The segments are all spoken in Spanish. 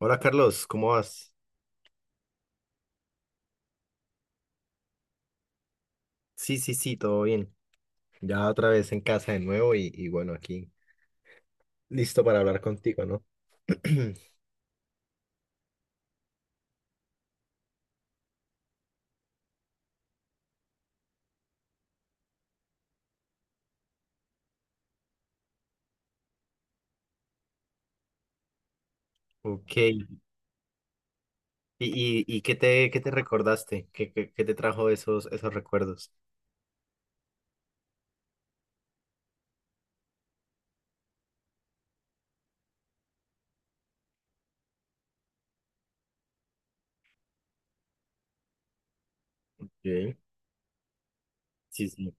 Hola Carlos, ¿cómo vas? Sí, sí, sí, todo bien. Ya otra vez en casa de nuevo y bueno, aquí listo para hablar contigo, ¿no? Ok, ¿y qué te recordaste? ¿Qué, qué, qué te trajo esos, esos recuerdos? Ok. Sí, sí.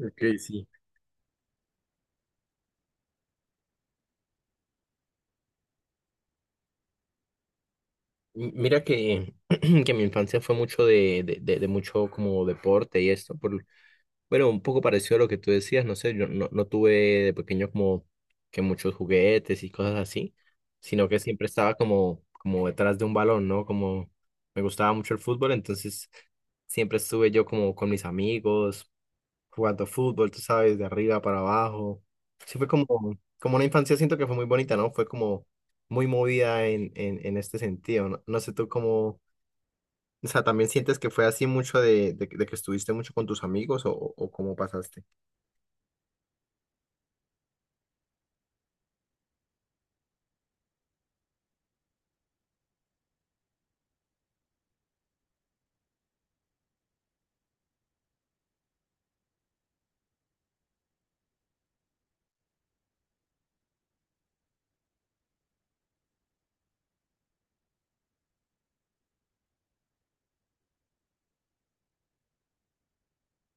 Ok, sí. Mira que, que mi infancia fue mucho de, de mucho como deporte y esto, por... Bueno, un poco parecido a lo que tú decías, no sé, yo no tuve de pequeño como que muchos juguetes y cosas así, sino que siempre estaba como, como detrás de un balón, ¿no? Como me gustaba mucho el fútbol, entonces siempre estuve yo como con mis amigos, jugando fútbol, tú sabes, de arriba para abajo. Sí fue como, como una infancia, siento que fue muy bonita, ¿no? Fue como muy movida en este sentido, ¿no? No sé tú cómo, o sea, ¿también sientes que fue así mucho de que estuviste mucho con tus amigos o, o cómo pasaste?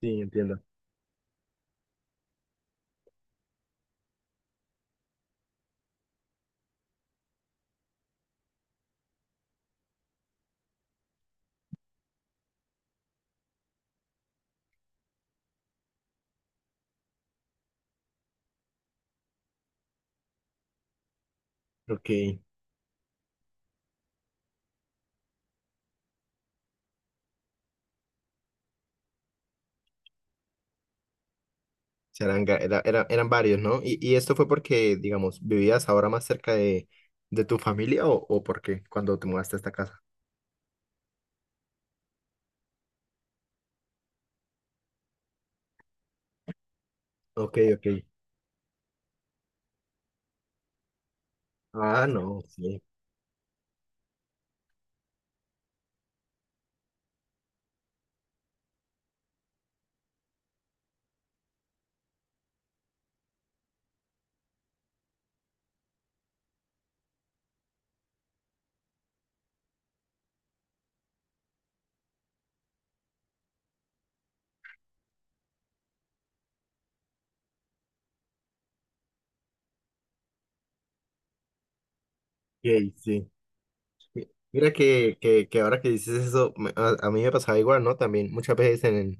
Sí, entiendo. Ok. Charanga, era, eran varios, ¿no? Y esto fue porque, digamos, vivías ahora más cerca de tu familia o por qué cuando te mudaste a esta casa. Ok, ok. Ah, no, sí. Ok, sí. Mi- Mira que ahora que dices eso, me- a mí me pasaba igual, ¿no? También muchas veces en, el-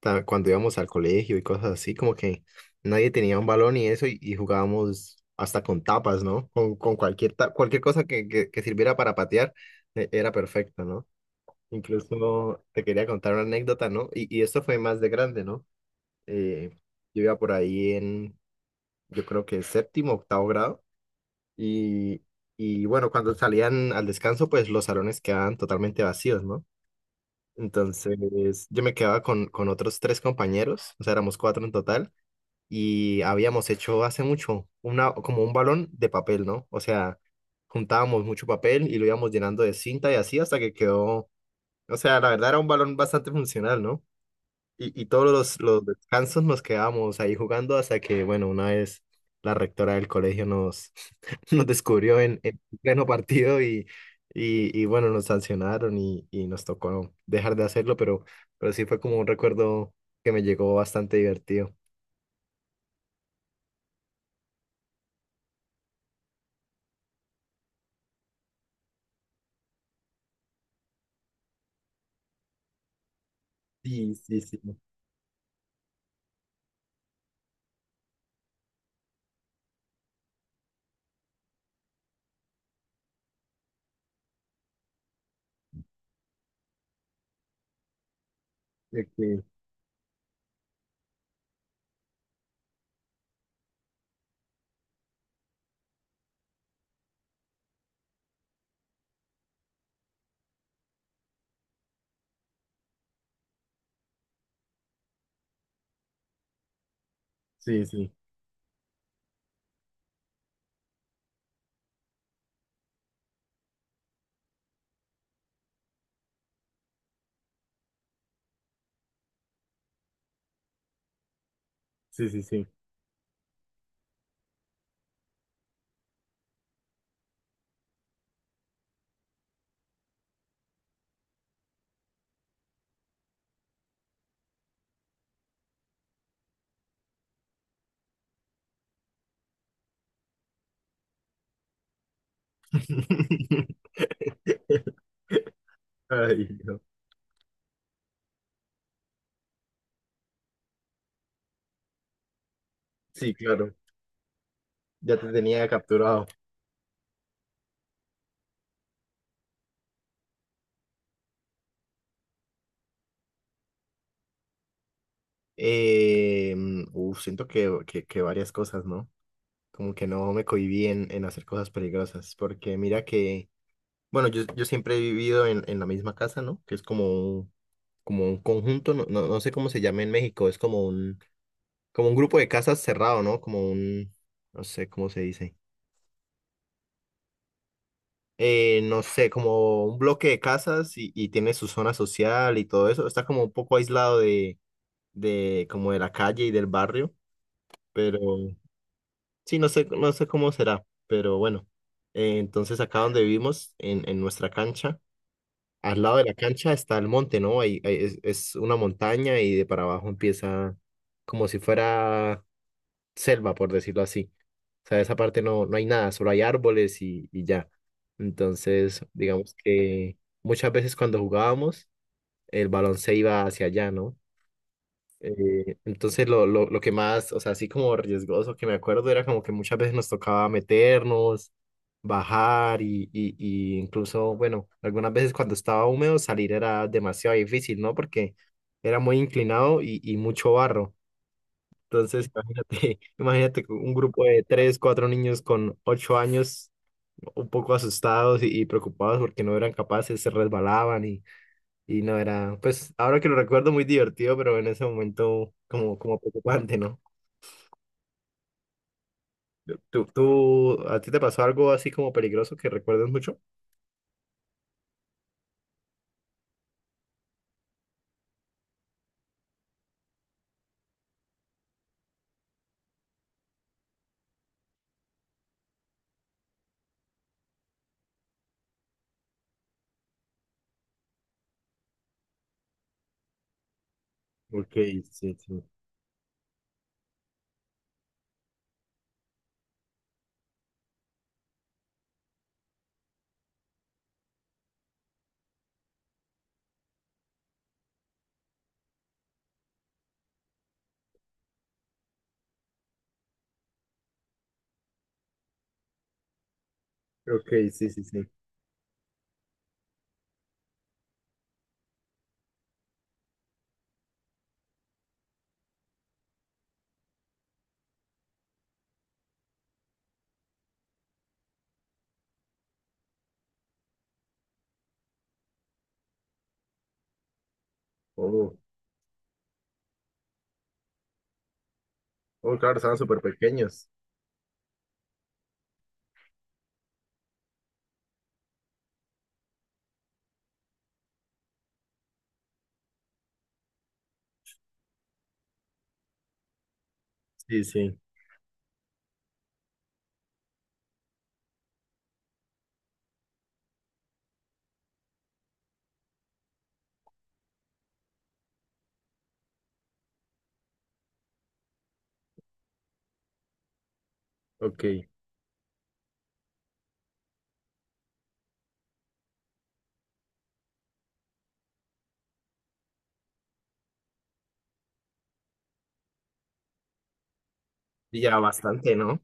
ta- cuando íbamos al colegio y cosas así, como que nadie tenía un balón y eso y jugábamos hasta con tapas, ¿no? Con cualquier, cualquier cosa que sirviera para patear, era perfecto, ¿no? Incluso te quería contar una anécdota, ¿no? Y esto fue más de grande, ¿no? Eh, yo iba por ahí en, yo creo que séptimo, octavo grado. Y, y bueno, cuando salían al descanso, pues los salones quedaban totalmente vacíos, ¿no? Entonces yo me quedaba con otros tres compañeros, o sea, éramos cuatro en total. Y habíamos hecho hace mucho una, como un balón de papel, ¿no? O sea, juntábamos mucho papel y lo íbamos llenando de cinta y así hasta que quedó, o sea, la verdad era un balón bastante funcional, ¿no? Y todos los descansos nos quedábamos ahí jugando hasta que, bueno, una vez la rectora del colegio nos... nos descubrió en pleno partido y bueno, nos sancionaron y nos tocó dejar de hacerlo, pero sí fue como un recuerdo que me llegó bastante divertido. Sí, sí, sí. de que- Sí, sí, sí, sí, sí. Ay, no. Sí, claro, ya te tenía capturado. Siento que varias cosas, ¿no? Como que no me cohibí en hacer cosas peligrosas, porque mira que, bueno, yo siempre he vivido en la misma casa, ¿no? Que es un, como un conjunto, no, no, no sé cómo se llama en México, es como un grupo de casas cerrado, ¿no? Como un, no sé cómo se dice, no sé, como un bloque de casas y tiene su zona social y todo eso, está como un poco aislado de, como de la calle y del barrio, pero... Sí, no sé, no sé cómo será, pero bueno. Entonces acá donde vivimos, en nuestra cancha, al lado de la cancha está el monte, ¿no? Ahí, ahí es una montaña y de para abajo empieza como si fuera selva, por decirlo así. O sea, esa parte no, no hay nada, solo hay árboles y ya. Entonces, digamos que muchas veces cuando jugábamos, el balón se iba hacia allá, ¿no? Entonces lo que más, o sea, así como riesgoso que me acuerdo era como que muchas veces nos tocaba meternos, bajar y incluso, bueno, algunas veces cuando estaba húmedo salir era demasiado difícil, ¿no? Porque era muy inclinado y mucho barro. Entonces, imagínate, imagínate un grupo de tres, cuatro niños con 8 años un poco asustados y preocupados porque no eran capaces, se resbalaban y no era, pues ahora que lo recuerdo muy divertido, pero en ese momento como, como preocupante, ¿no? ¿Tú, tú, a ti te pasó algo así como peligroso que recuerdes mucho? Ok, sí, sí. Ok, sí, sí, sí. Oh, oh, claro, estaban súper pequeños. Sí, sí. Ok. Y ya bastante, ¿no?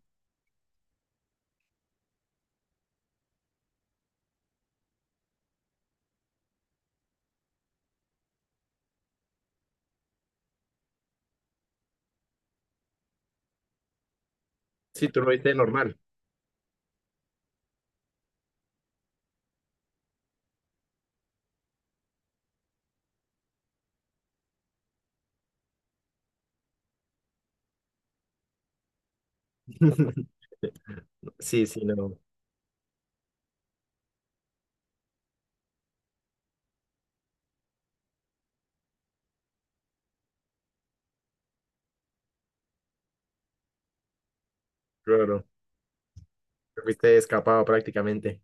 Sí, tú lo viste normal. Sí, sí, no. Claro. Te fuiste escapado prácticamente.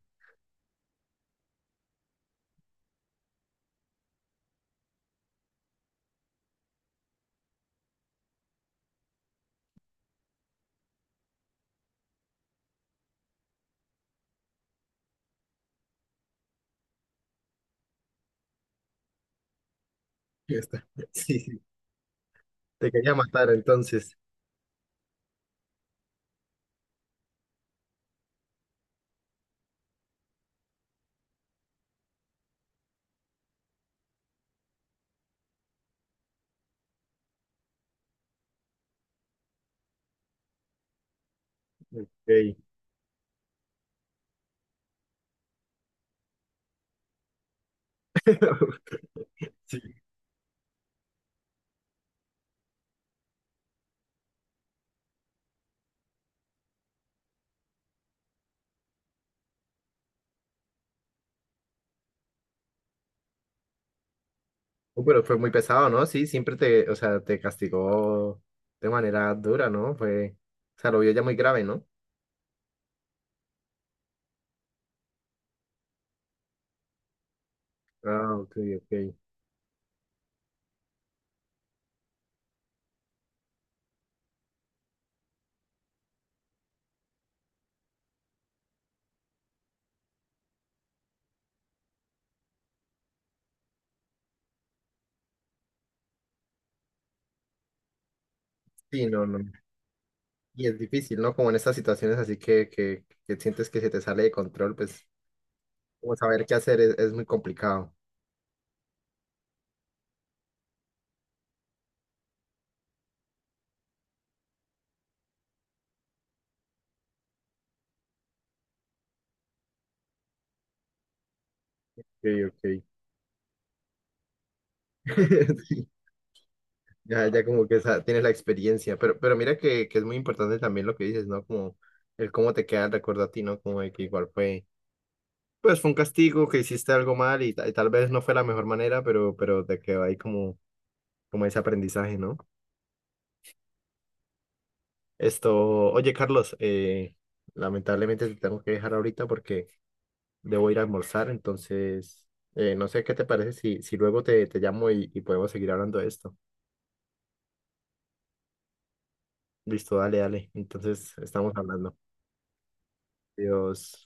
Ya está. Sí, sí. Te quería matar entonces. Ok. Sí. Pero fue muy pesado, ¿no? Sí, siempre te, o sea, te castigó de manera dura, ¿no? Fue, o sea, lo vio ya muy grave, ¿no? Ah, ok, ok. Sí, no, no. Y es difícil, ¿no? Como en estas situaciones así que sientes que se te sale de control, pues, como saber qué hacer es muy complicado. Ok, ok. Sí, ya, ya como que esa- tienes la experiencia, pero mira que es muy importante también lo que dices, ¿no? Como el cómo te queda el recuerdo a ti, ¿no? Como de que igual fue. Pues fue un castigo que hiciste algo mal y y tal vez no fue la mejor manera, pero te quedó ahí como, como ese aprendizaje, ¿no? Esto, oye Carlos, lamentablemente te tengo que dejar ahorita porque debo ir a almorzar, entonces no sé qué te parece si, si luego te, te llamo y podemos seguir hablando de esto. Listo, dale, dale. Entonces estamos hablando. Adiós.